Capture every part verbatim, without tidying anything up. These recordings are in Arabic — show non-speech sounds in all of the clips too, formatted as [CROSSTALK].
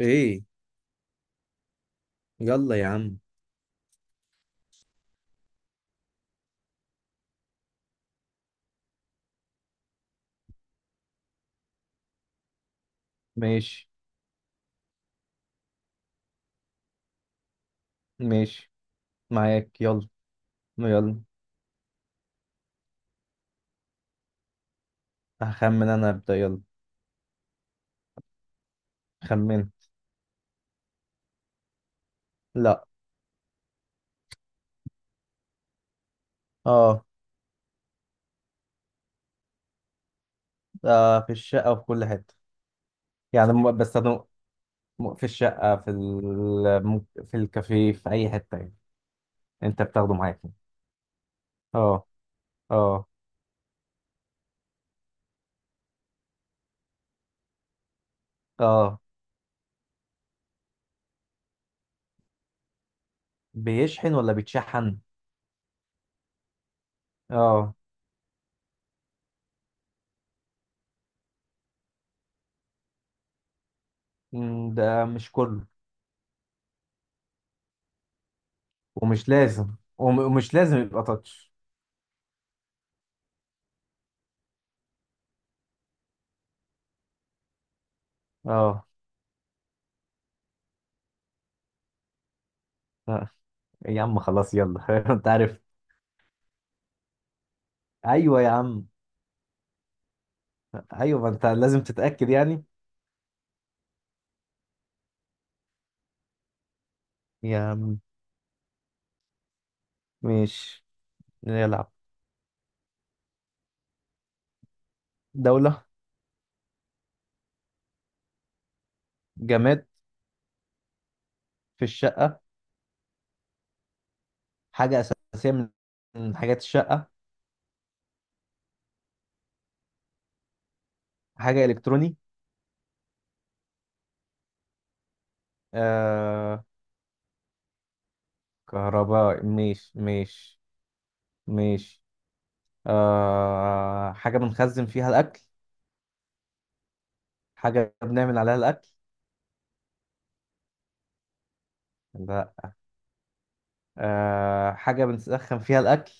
ايه. يلا يا عم. ماشي ماشي. معاك يلا. يلا. هخمن انا، ابدا يلا. خمن. لا. اه. آه، في الشقه وفي كل حته. يعني م- بستخدمه م- في الشقه في ال... م- في الكافيه في اي حته يعني. انت بتاخده معاك يعني. اه. اه. اه. بيشحن ولا بيتشحن؟ اه. مم، ده مش كله. ومش لازم وم- ومش لازم يبقى تاتش. اه. آه، يا عم خلاص يلا [LAUGHS] انت عارف. ايوه يا عم. ايوه، ما انت لازم تتاكد يعني. يا عم، مش نلعب؟ دوله. جماد في الشقه. حاجه اساسيه من من حاجات الشقه. حاجه الكتروني. آه. كهرباء. مش مش مش. آه، حاجه بنخزن فيها الاكل. حاجه بنعمل عليها الاكل. لا. آه، حاجه بنسخن فيها الاكل.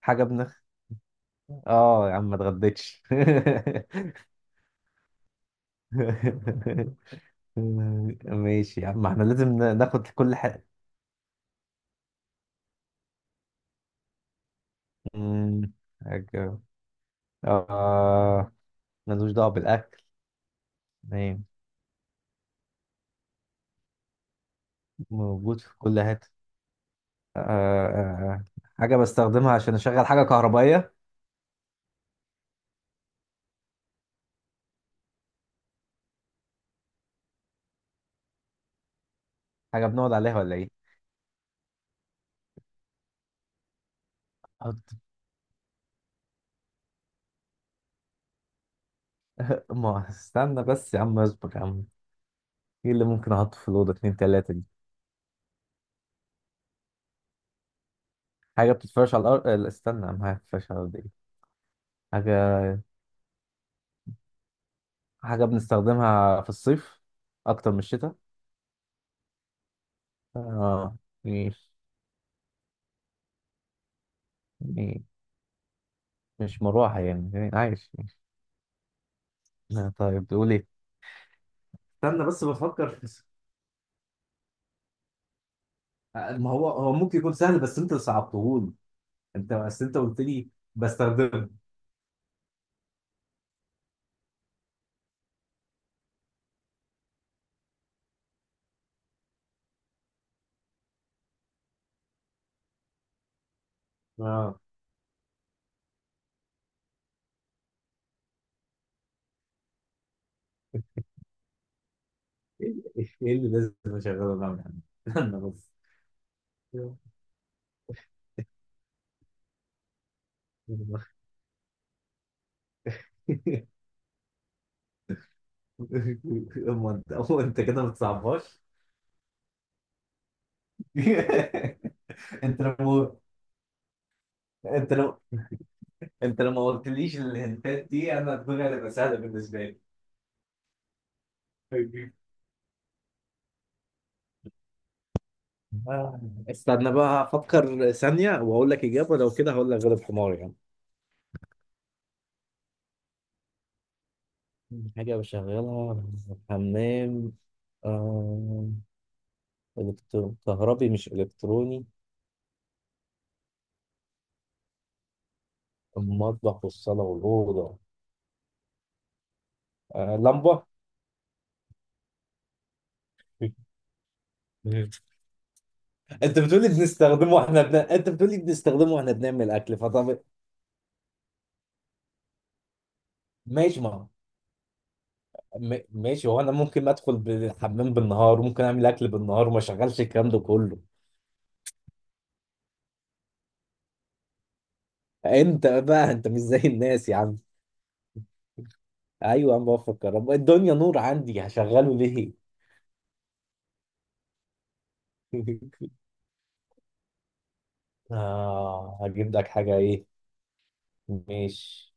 حاجه بنخ. اه يا عم، ما اتغديتش. [LAUGHS] مم، ماشي يا عم، احنا لازم ن- ناخد كل حاجة. مم، حاجة. آه. ملوش دعوة بالأكل. نعم. موجود في كل حتة. آه. آه، آه. حاجة بستخدمها عشان أشغل حاجة كهربائية. حاجة بنقعد عليها ولا إيه؟ أحط. ما استنى بس يا عم، اصبر يا عم. إيه اللي ممكن أحطه في الأوضة اتنين تلاتة دي؟ حاجة بتتفرش على الأرض. آه، لا، استنى يا عم، حاجة بتتفرش على الأرض إيه؟ حاجة. حاجة بنستخدمها في الصيف أكتر من الشتاء. آه. ماشي. مش مروحة يعني؟ يعني عايش. [LAUGHS] طيب تقول ايه؟ استنى بس بفكر في. ما هو هو ممكن يكون سهل، بس انت اللي صعبتهولي. انت بس انت قلت لي. بستخدمه. اه. ايه اللي إيه اللي لازم اشغله ده يعني؟ استنى بس. [LAUGHS] اما انت أما انت كده ما بتصعبهاش. [LAUGHS] انت لو انت لو انت لو ما قلتليش الهنتات دي انا الدنيا هتبقى سهله بالنسبه لي. [LAUGHS] آه، استنى بقى افكر ثانية واقول لك اجابة، لو كده هقول لك غلب حمار يعني. حاجة بشغلها. حمام. آه... إلكترو... كهربي مش إلكتروني. المطبخ والصالة والأوضة. آه... لمبة. [LAUGHS] أنت بتقولي بنستخدمه وإحنا بن... أنت بتقولي بنستخدمه وإحنا بنعمل أكل، فطب. ماشي. ما م... ماشي، هو أنا ممكن أدخل بالحمام بالنهار وممكن أعمل أكل بالنهار وما أشغلش الكلام ده كله. أنت بقى أنت مش زي الناس يا عم. ايوه انا بفكر، رب- الدنيا نور عندي هشغله ليه؟ [LAUGHS] آه، هجيب لك حاجة، إيه؟ ماشي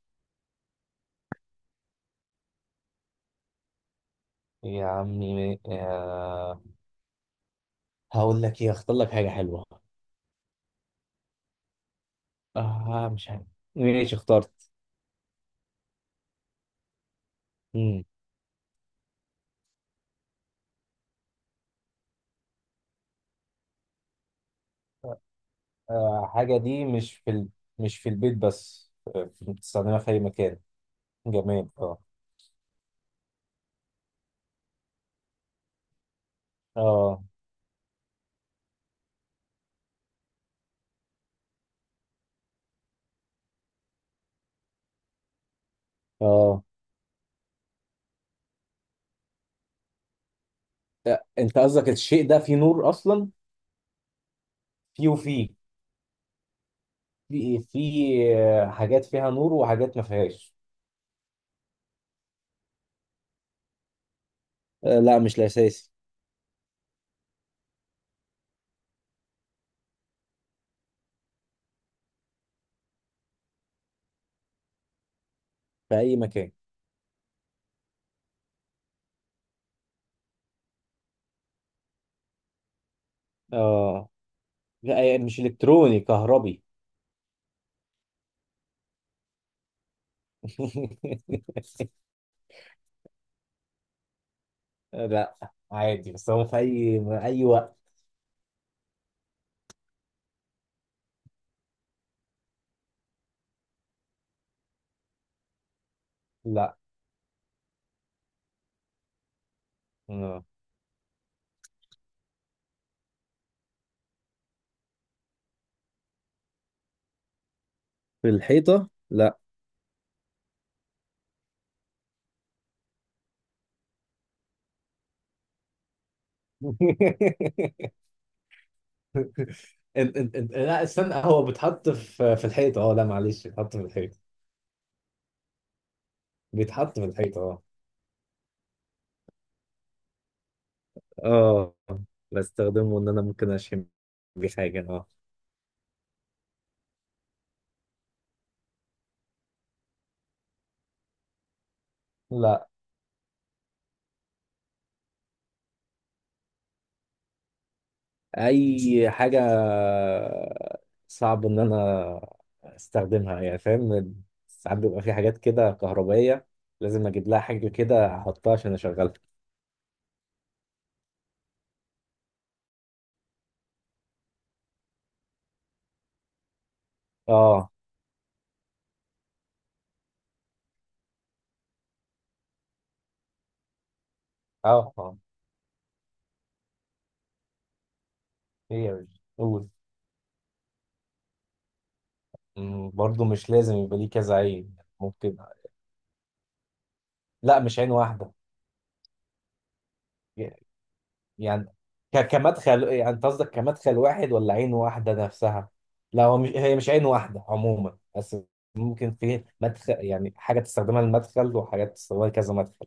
يا عمي. آه، هقول لك إيه، أختار لك حاجة حلوة. آه مش عارف. ماشي، اخترت. مم. آه، حاجة دي مش في ال... مش في البيت بس، آه، بتستخدمها في أي مكان. جماد. آه. آه. آه. آه، أنت قصدك الشيء ده فيه نور أصلا؟ فيه وفيه. في إيه؟ في، آه، حاجات فيها نور وحاجات ما فيهاش. آه، لا مش الأساسي. في أي مكان. اه. لا يعني مش إلكتروني، كهربي. [LAUGHS] لا عادي، بس هو في أي أي وقت. لا. آه. في الحيطة لا. [LAUGHS] إن- إن- إن- لا استنى، هو بيتحط في في الحيطة. اه لا معلش، بيتحط في الحيطة، بيتحط في الحيطة. اه. اه بستخدمه، ان انا ممكن اشم بيه حاجة. اه. لا. اي حاجه. صعب ان انا استخدمها يعني، فاهم. ساعات بيبقى في حاجات كده كهربائيه لازم اجيب لها حاجه كده احطها عشان اشغلها. اه. اه. اه. ايه يا باشا، قول. أمم، برضو مش لازم يبقى ليه كذا عين، ممكن. لا مش عين واحده. يعني ك- كمدخل، يعني انت قصدك كمدخل واحد ولا عين واحدة نفسها؟ لا هو مش، هي مش عين واحدة عموما، بس ممكن في مدخل، يعني حاجة تستخدمها للمدخل وحاجات تستخدمها لكذا مدخل.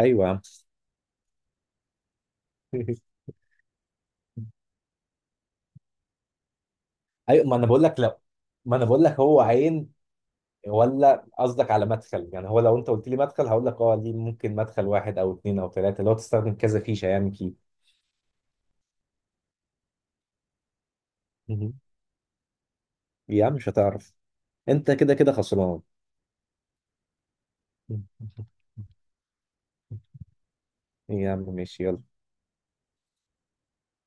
ايوه يا عم. [LAUGHS] ايوه، ما انا بقول لك لا، ما انا بقول لك هو عين، ولا قصدك على مدخل؟ يعني هو لو انت قلت لي مدخل هقول لك اه، دي ممكن مدخل واحد او اتنين او تلاتة لو تستخدم كذا فيشة، يعني كي. مهم. يا عم مش هتعرف، انت كده كده خسران. [LAUGHS] يا عم ماشي يلا.